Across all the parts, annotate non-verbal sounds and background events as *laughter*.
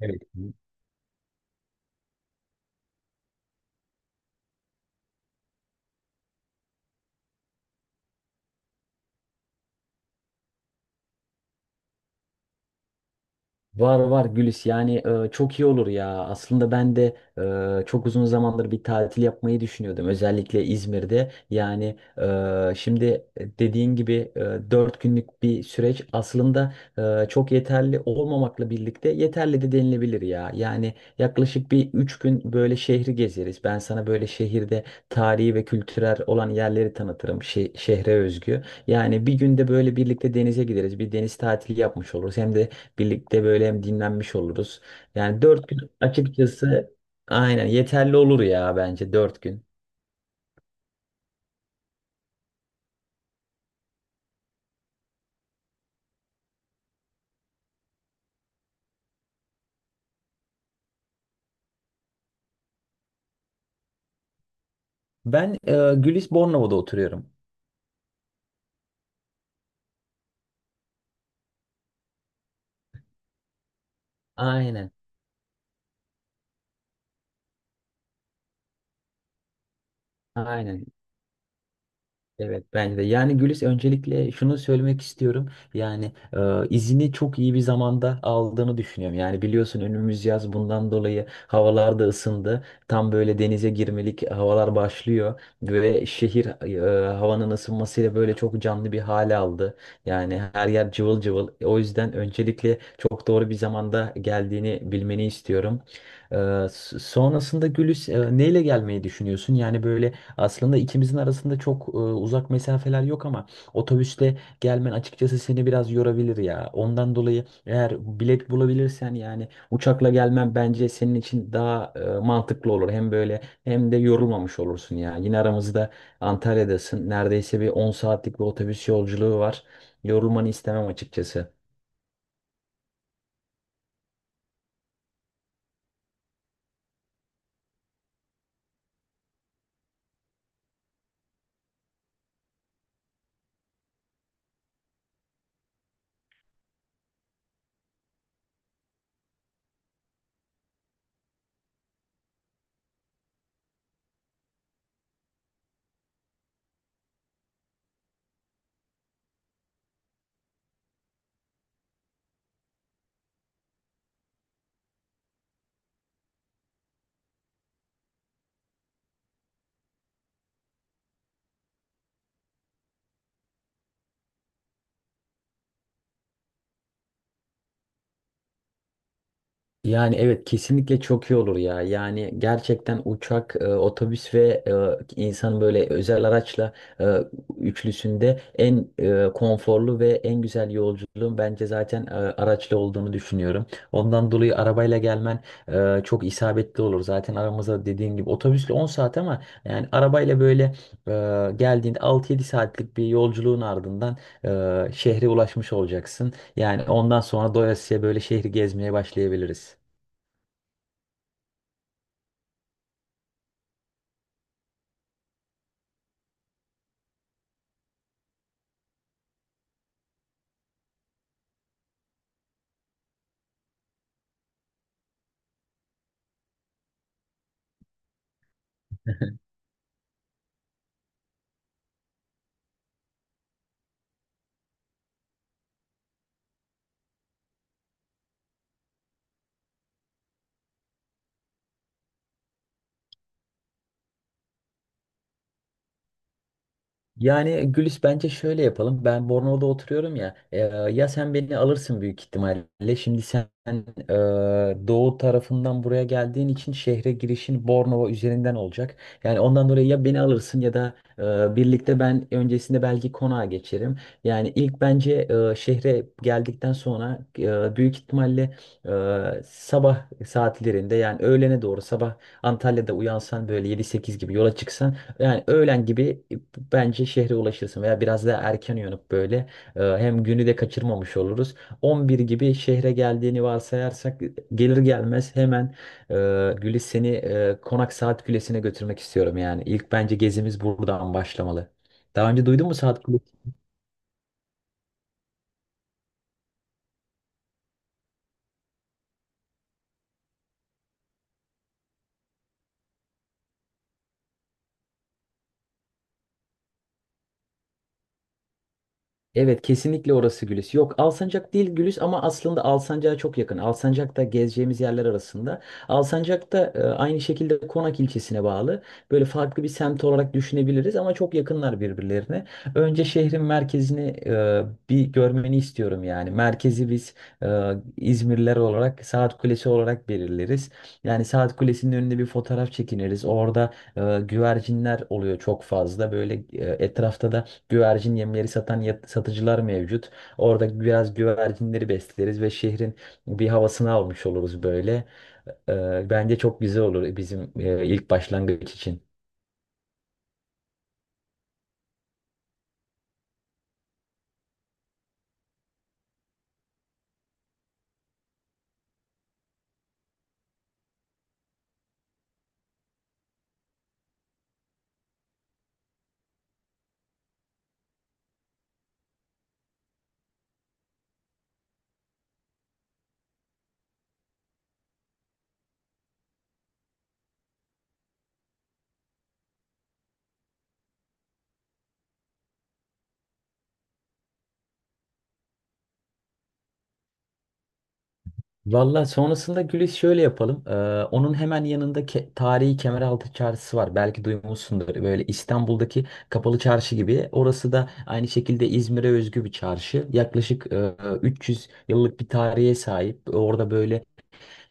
Evet. Var var Gülis, yani çok iyi olur ya. Aslında ben de çok uzun zamandır bir tatil yapmayı düşünüyordum. Özellikle İzmir'de. Yani şimdi dediğin gibi 4 günlük bir süreç aslında çok yeterli olmamakla birlikte yeterli de denilebilir ya. Yani yaklaşık bir 3 gün böyle şehri gezeriz. Ben sana böyle şehirde tarihi ve kültürel olan yerleri tanıtırım. Şehre özgü. Yani bir günde böyle birlikte denize gideriz. Bir deniz tatili yapmış oluruz. Hem de birlikte böyle hem dinlenmiş oluruz. Yani 4 gün açıkçası aynen yeterli olur ya, bence 4 gün. Ben Gülis Bornova'da oturuyorum. Aynen. Aynen. Evet, bence de. Yani Gülis, öncelikle şunu söylemek istiyorum. Yani izini çok iyi bir zamanda aldığını düşünüyorum. Yani biliyorsun, önümüz yaz, bundan dolayı havalar da ısındı. Tam böyle denize girmelik havalar başlıyor ve şehir havanın ısınmasıyla böyle çok canlı bir hale aldı. Yani her yer cıvıl cıvıl. O yüzden öncelikle çok doğru bir zamanda geldiğini bilmeni istiyorum. E, Sonrasında Gülis, neyle gelmeyi düşünüyorsun? Yani böyle aslında ikimizin arasında çok uzak mesafeler yok ama otobüsle gelmen açıkçası seni biraz yorabilir ya. Ondan dolayı eğer bilet bulabilirsen yani uçakla gelmen bence senin için daha mantıklı olur. Hem böyle hem de yorulmamış olursun ya. Yine aramızda Antalya'dasın. Neredeyse bir 10 saatlik bir otobüs yolculuğu var. Yorulmanı istemem açıkçası. Yani evet, kesinlikle çok iyi olur ya. Yani gerçekten uçak, otobüs ve insan böyle özel araçla e, üçlüsünde en konforlu ve en güzel yolculuğun bence zaten araçla olduğunu düşünüyorum. Ondan dolayı arabayla gelmen çok isabetli olur. Zaten aramızda dediğim gibi otobüsle 10 saat, ama yani arabayla böyle geldiğinde 6 yedi saatlik bir yolculuğun ardından şehre ulaşmış olacaksın. Yani ondan sonra doyasıya böyle şehri gezmeye başlayabiliriz. Yani Gülis, bence şöyle yapalım. Ben Bornova'da oturuyorum ya. Ya sen beni alırsın büyük ihtimalle. Şimdi sen e, doğu tarafından buraya geldiğin için şehre girişin Bornova üzerinden olacak. Yani ondan dolayı ya beni alırsın ya da birlikte ben öncesinde belki konağa geçerim. Yani ilk bence şehre geldikten sonra büyük ihtimalle sabah saatlerinde, yani öğlene doğru sabah Antalya'da uyansan böyle 7-8 gibi yola çıksan, yani öğlen gibi bence şehre ulaşırsın veya biraz daha erken uyanıp böyle hem günü de kaçırmamış oluruz. 11 gibi şehre geldiğini varsayarsak, gelir gelmez hemen e, Gülis, seni Konak Saat Kulesi'ne götürmek istiyorum yani. İlk bence gezimiz buradan başlamalı. Daha önce duydun mu Saat? Evet, kesinlikle orası Gülis. Yok, Alsancak değil Gülis, ama aslında Alsancak'a çok yakın. Alsancak da gezeceğimiz yerler arasında. Alsancak da aynı şekilde Konak ilçesine bağlı. Böyle farklı bir semt olarak düşünebiliriz ama çok yakınlar birbirlerine. Önce şehrin merkezini bir görmeni istiyorum yani. Merkezi biz e, İzmirliler olarak Saat Kulesi olarak belirleriz. Yani Saat Kulesi'nin önünde bir fotoğraf çekiniriz. Orada güvercinler oluyor çok fazla. Böyle etrafta da güvercin yemleri satan satıcılar mevcut. Orada biraz güvercinleri besleriz ve şehrin bir havasını almış oluruz böyle. Bence çok güzel olur bizim ilk başlangıç için. Valla sonrasında Gülis, şöyle yapalım. Onun hemen yanında tarihi Kemeraltı Çarşısı var. Belki duymuşsundur. Böyle İstanbul'daki kapalı çarşı gibi. Orası da aynı şekilde İzmir'e özgü bir çarşı. Yaklaşık 300 yıllık bir tarihe sahip. Orada böyle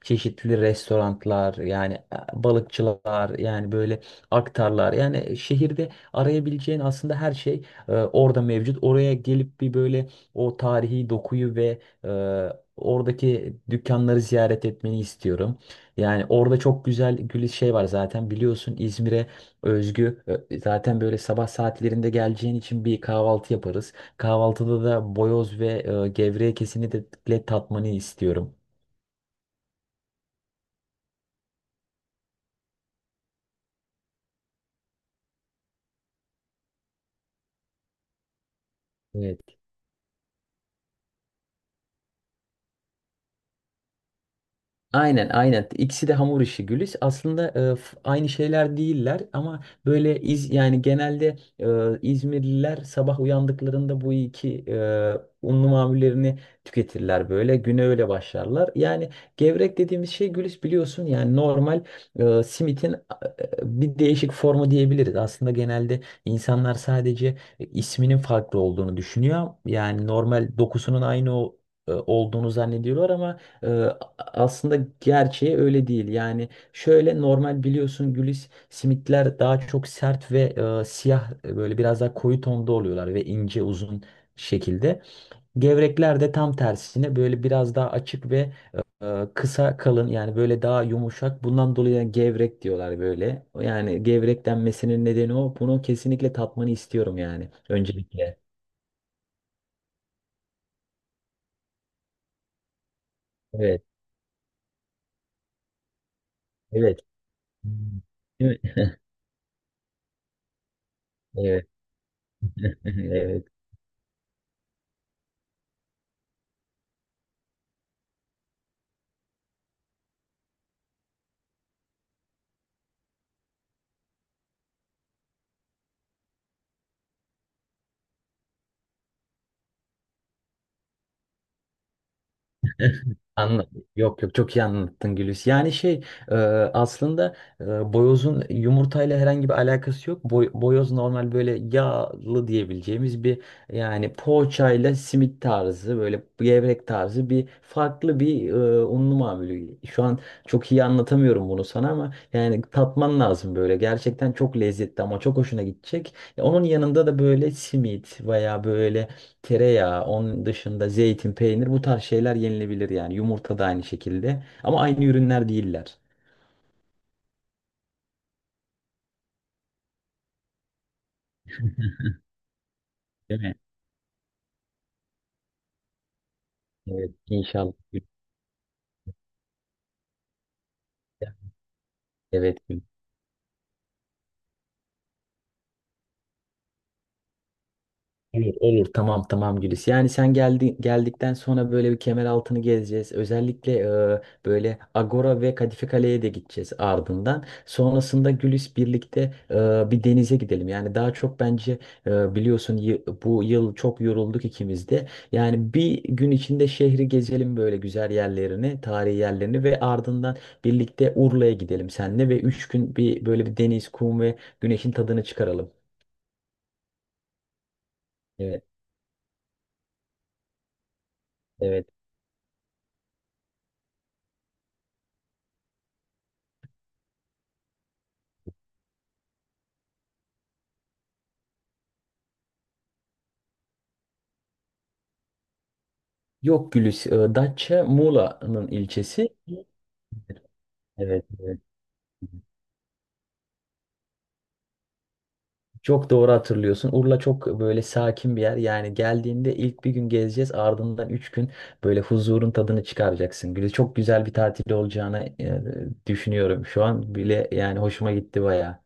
çeşitli restoranlar, yani balıkçılar, yani böyle aktarlar, yani şehirde arayabileceğin aslında her şey orada mevcut. Oraya gelip bir böyle o tarihi dokuyu ve e, oradaki dükkanları ziyaret etmeni istiyorum. Yani orada çok güzel gül şey var, zaten biliyorsun İzmir'e özgü zaten böyle sabah saatlerinde geleceğin için bir kahvaltı yaparız. Kahvaltıda da boyoz ve gevrek kesini de tatmanı istiyorum. Evet. Aynen, aynen. İkisi de hamur işi Gülis. Aslında aynı şeyler değiller ama böyle iz, yani genelde İzmirliler sabah uyandıklarında bu iki unlu mamullerini tüketirler böyle. Güne öyle başlarlar. Yani gevrek dediğimiz şey Gülis, biliyorsun, yani normal simitin bir değişik formu diyebiliriz. Aslında genelde insanlar sadece isminin farklı olduğunu düşünüyor. Yani normal dokusunun aynı olduğunu zannediyorlar, ama e, aslında gerçeği öyle değil. Yani şöyle, normal biliyorsun Gülis, simitler daha çok sert ve siyah, böyle biraz daha koyu tonda oluyorlar ve ince uzun şekilde. Gevrekler de tam tersine böyle biraz daha açık ve kısa kalın, yani böyle daha yumuşak. Bundan dolayı yani gevrek diyorlar böyle. Yani gevrek denmesinin nedeni o. Bunu kesinlikle tatmanı istiyorum yani, öncelikle. Evet, evet. Hmm. Değil mi? *laughs* Evet. *laughs* Evet. Anladım. Yok, yok, çok iyi anlattın Gülüs. Yani şey, e, aslında boyozun yumurtayla herhangi bir alakası yok. Boyoz normal böyle yağlı diyebileceğimiz bir, yani poğaçayla simit tarzı, böyle gevrek tarzı bir farklı bir unlu mamulü. Şu an çok iyi anlatamıyorum bunu sana, ama yani tatman lazım böyle. Gerçekten çok lezzetli ama çok hoşuna gidecek. Onun yanında da böyle simit veya böyle tereyağı, onun dışında zeytin, peynir, bu tarz şeyler yenilebilir yani. Yumurta da aynı şekilde. Ama aynı ürünler değiller. Değil mi? Evet, inşallah. Evet. Olur, olur. Tamam, tamam Gülis. Yani sen geldikten sonra böyle bir kemer altını gezeceğiz. Özellikle böyle Agora ve Kadife Kale'ye de gideceğiz ardından. Sonrasında Gülis, birlikte e, bir denize gidelim. Yani daha çok bence biliyorsun, bu yıl çok yorulduk ikimiz de. Yani bir gün içinde şehri gezelim, böyle güzel yerlerini, tarihi yerlerini, ve ardından birlikte Urla'ya gidelim seninle ve 3 gün bir böyle bir deniz, kum ve güneşin tadını çıkaralım. Evet. Evet. Yok Gülis, Datça Muğla'nın ilçesi. Evet, evet. Çok doğru hatırlıyorsun. Urla çok böyle sakin bir yer. Yani geldiğinde ilk bir gün gezeceğiz. Ardından 3 gün böyle huzurun tadını çıkaracaksın. Gülis, çok güzel bir tatil olacağını düşünüyorum. Şu an bile yani hoşuma gitti bayağı.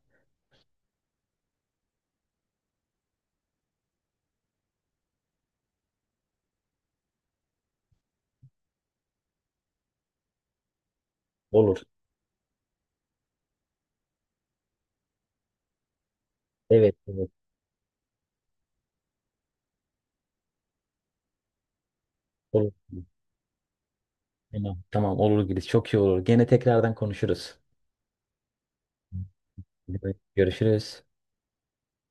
Olur. Evet, evet. Olur. Tamam, tamam olur Gülis. Çok iyi olur. Gene tekrardan konuşuruz. Evet, görüşürüz.